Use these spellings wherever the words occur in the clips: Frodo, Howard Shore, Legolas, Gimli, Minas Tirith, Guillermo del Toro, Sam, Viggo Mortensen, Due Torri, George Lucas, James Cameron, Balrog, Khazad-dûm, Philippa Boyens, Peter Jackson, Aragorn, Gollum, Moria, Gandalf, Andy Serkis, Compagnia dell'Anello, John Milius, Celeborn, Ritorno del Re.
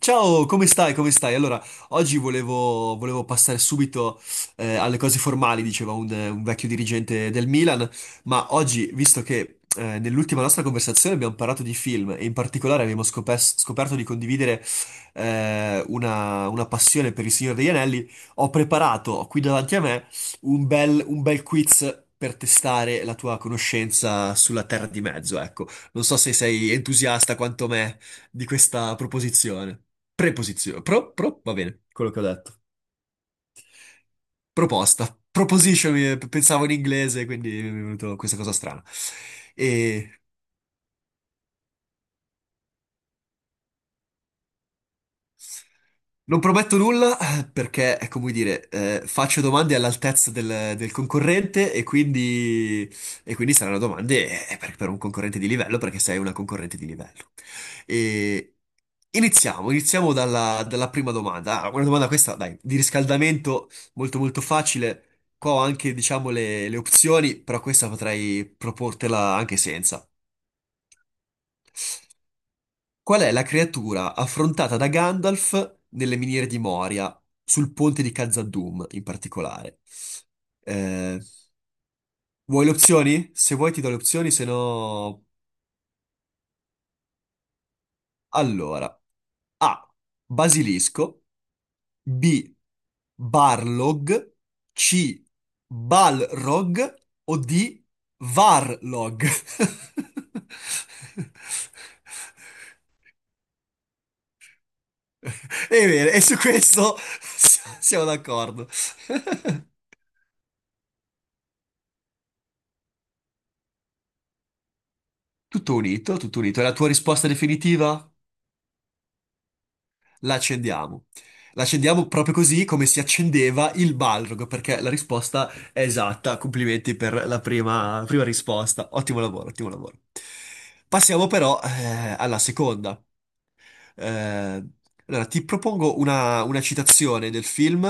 Ciao, come stai? Come stai? Allora, oggi volevo passare subito alle cose formali, diceva un vecchio dirigente del Milan, ma oggi, visto che nell'ultima nostra conversazione abbiamo parlato di film e in particolare abbiamo scoperto di condividere una passione per il Signore degli Anelli, ho preparato qui davanti a me un bel quiz per testare la tua conoscenza sulla Terra di Mezzo, ecco. Non so se sei entusiasta quanto me di questa proposizione. Preposizione. Pro, pro, va bene. Quello che ho detto. Proposta. Proposition, pensavo in inglese, quindi mi è venuto questa cosa strana. E non prometto nulla perché, è come dire, faccio domande all'altezza del concorrente e quindi saranno domande per un concorrente di livello perché sei una concorrente di livello. E iniziamo dalla prima domanda. Una domanda questa, dai, di riscaldamento molto molto facile. Qua ho anche, diciamo, le opzioni, però questa potrei proportela anche senza. Qual è la creatura affrontata da Gandalf nelle miniere di Moria, sul ponte di Khazad-dûm in particolare? Eh, Vuoi le opzioni? Se vuoi ti do le opzioni, se no. Allora, A. Basilisco, B. Barlog, C. Balrog o D. Varlog? È vero, e su questo, siamo d'accordo. Tutto unito, tutto unito. È la tua risposta definitiva? La accendiamo. La accendiamo proprio così come si accendeva il Balrog, perché la risposta è esatta. Complimenti per la prima risposta. Ottimo lavoro, ottimo lavoro. Passiamo però alla seconda. Eh, allora, ti propongo una citazione del film,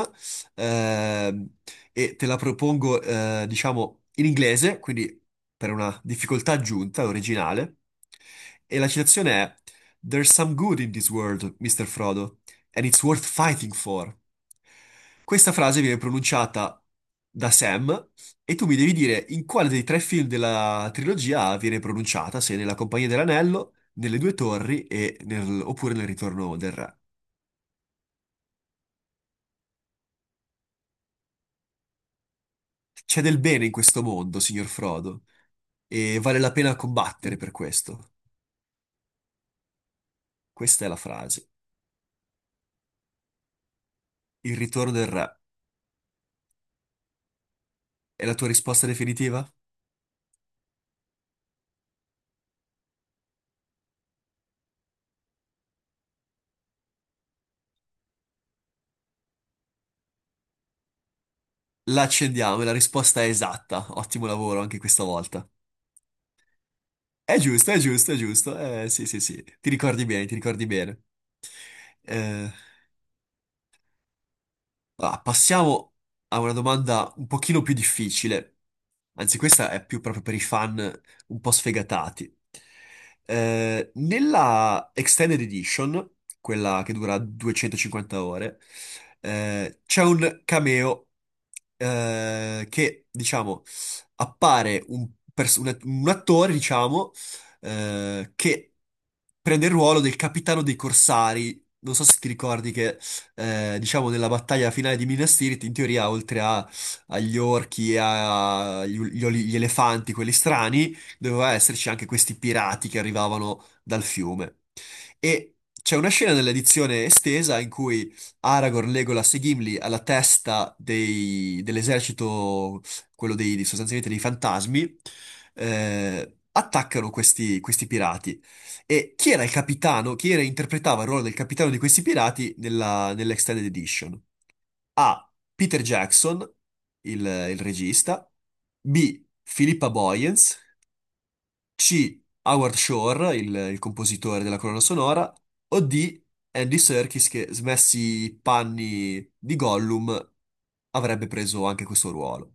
ehm, e te la propongo, diciamo, in inglese, quindi per una difficoltà aggiunta, originale. E la citazione è: There's some good in this world, Mr. Frodo, and it's worth fighting for. Questa frase viene pronunciata da Sam e tu mi devi dire in quale dei tre film della trilogia viene pronunciata, se nella Compagnia dell'Anello, nelle Due Torri e oppure nel Ritorno del Re. C'è del bene in questo mondo, signor Frodo, e vale la pena combattere per questo. Questa è la frase. Il Ritorno del Re. È la tua risposta definitiva? La accendiamo, è la risposta è esatta. Ottimo lavoro anche questa volta. È giusto, è giusto, è giusto. Sì, sì, sì. Ti ricordi bene, ti ricordi bene. Eh, Allora, passiamo a una domanda un pochino più difficile, anzi questa è più proprio per i fan un po' sfegatati. Nella Extended Edition, quella che dura 250 ore, c'è un cameo che, diciamo, appare un attore, diciamo, che prende il ruolo del capitano dei corsari. Non so se ti ricordi che diciamo nella battaglia finale di Minas Tirith, in teoria oltre agli orchi e gli elefanti, quelli strani, doveva esserci anche questi pirati che arrivavano dal fiume. E c'è una scena nell'edizione estesa in cui Aragorn, Legolas e Gimli alla testa dell'esercito, quello dei, sostanzialmente dei fantasmi, attaccano questi pirati. E chi era il capitano, chi era, interpretava il ruolo del capitano di questi pirati nell'Extended Edition? A. Peter Jackson, il regista. B. Philippa Boyens. C. Howard Shore, il compositore della colonna sonora. O D. Andy Serkis, che smessi i panni di Gollum, avrebbe preso anche questo ruolo.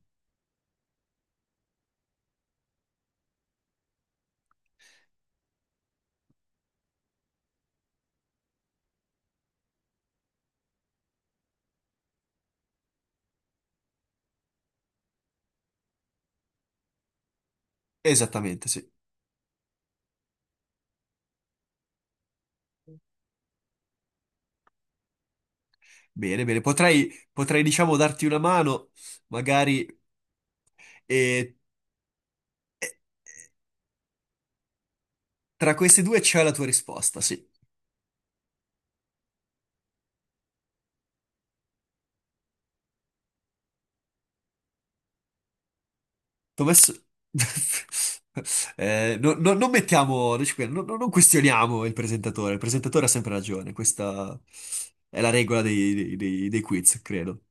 Esattamente, sì. Bene, bene. Potrei, diciamo, darti una mano, magari. E... Tra questi due c'è la tua risposta, sì. T'ho messo- Non mettiamo, non, ci- non- non questioniamo il presentatore ha sempre ragione, questa è la regola dei quiz, credo.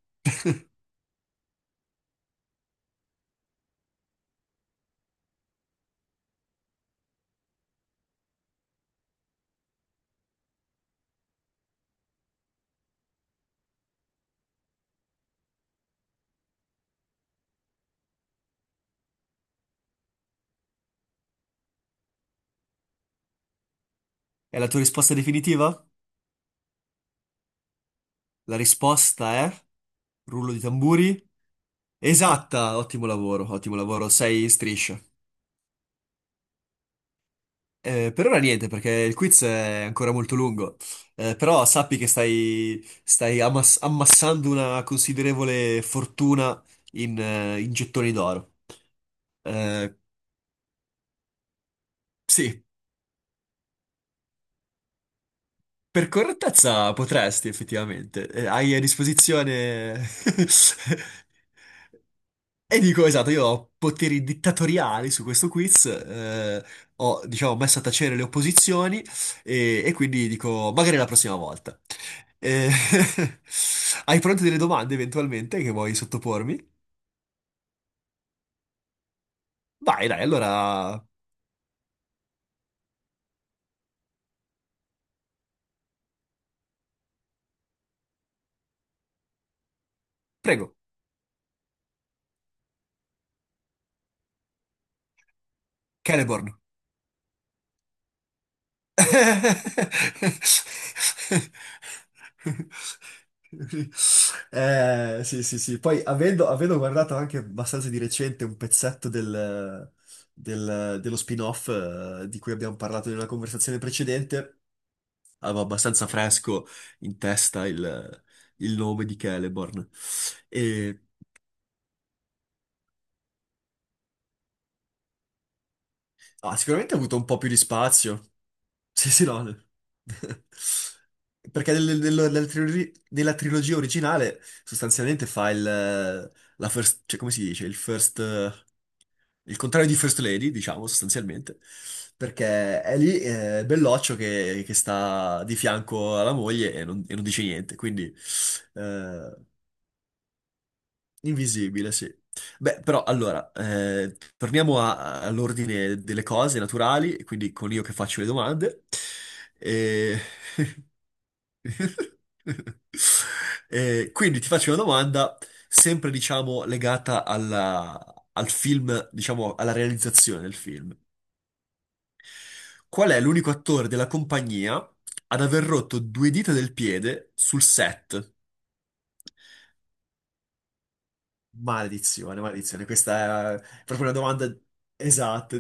È la tua risposta definitiva? La risposta è, rullo di tamburi, esatta. Ottimo lavoro, ottimo lavoro, sei in striscia. Per ora niente, perché il quiz è ancora molto lungo. Però sappi che stai ammassando una considerevole fortuna in gettoni d'oro. Eh, sì, per correttezza potresti effettivamente. Hai a disposizione. E dico, esatto, io ho poteri dittatoriali su questo quiz, ho, diciamo, messo a tacere le opposizioni e quindi dico, magari la prossima volta. Eh, Hai pronte delle domande eventualmente che vuoi sottopormi? Vai, dai, allora, prego, Celeborn. Sì, sì, sì. Poi avendo guardato anche abbastanza di recente un pezzetto dello spin-off di cui abbiamo parlato in una conversazione precedente, avevo abbastanza fresco in testa il nome di Celeborn. E Sicuramente ha avuto un po' più di spazio. Sì, sì, no. Perché nella trilogia originale sostanzialmente fa il, la first, cioè come si dice? Il first, il contrario di First Lady, diciamo, sostanzialmente. Perché è lì belloccio che sta di fianco alla moglie e non dice niente. Quindi, eh, invisibile, sì. Beh, però allora, torniamo all'ordine delle cose naturali, quindi con io che faccio le domande. E... E quindi ti faccio una domanda, sempre diciamo legata al film, diciamo alla realizzazione del film. Qual è l'unico attore della compagnia ad aver rotto due dita del piede sul set? Maledizione, maledizione, questa è proprio una domanda esatta,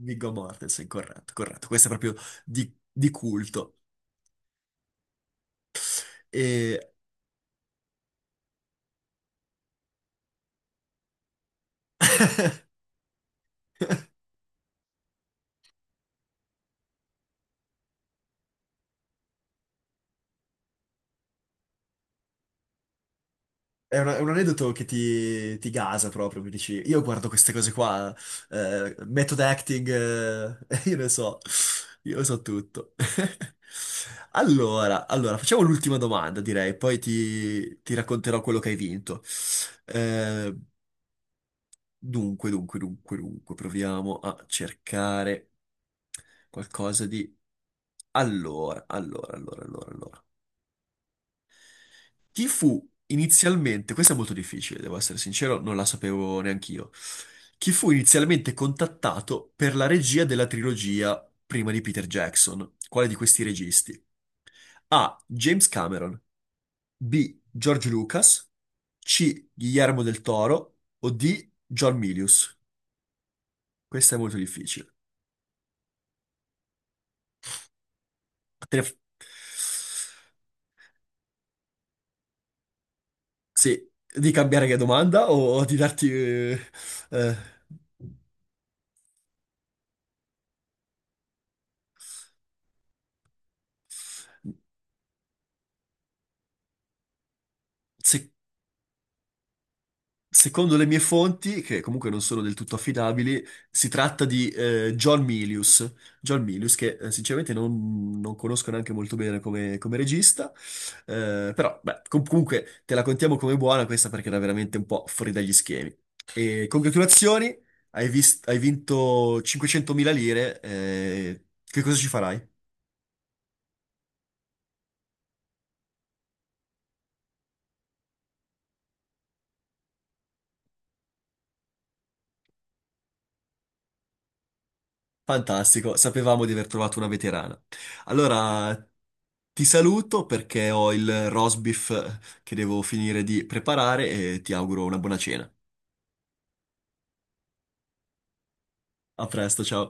Viggo Mortensen, corretto, corretto, questa è proprio di culto. E è, è un aneddoto che ti gasa proprio, mi dici, io guardo queste cose qua, method acting, io ne so tutto. Allora, allora, facciamo l'ultima domanda, direi, poi ti racconterò quello che hai vinto. Eh, Dunque, dunque, dunque, dunque, proviamo a cercare qualcosa di. Allora, allora, allora, allora, allora. Chi fu inizialmente, questo è molto difficile, devo essere sincero, non la sapevo neanch'io. Chi fu inizialmente contattato per la regia della trilogia prima di Peter Jackson? Quale di questi registi? A. James Cameron, B. George Lucas, C. Guillermo del Toro o D. John Milius? Questa è molto difficile. Te ne f- Sì, di cambiare che domanda o di darti. Eh, se- Secondo le mie fonti, che comunque non sono del tutto affidabili, si tratta di John Milius. John Milius, che sinceramente non conosco neanche molto bene come regista, però beh, comunque te la contiamo come buona questa perché era veramente un po' fuori dagli schemi. E congratulazioni, hai vinto 500.000 lire, che cosa ci farai? Fantastico, sapevamo di aver trovato una veterana. Allora, ti saluto perché ho il roast beef che devo finire di preparare e ti auguro una buona cena. A presto, ciao.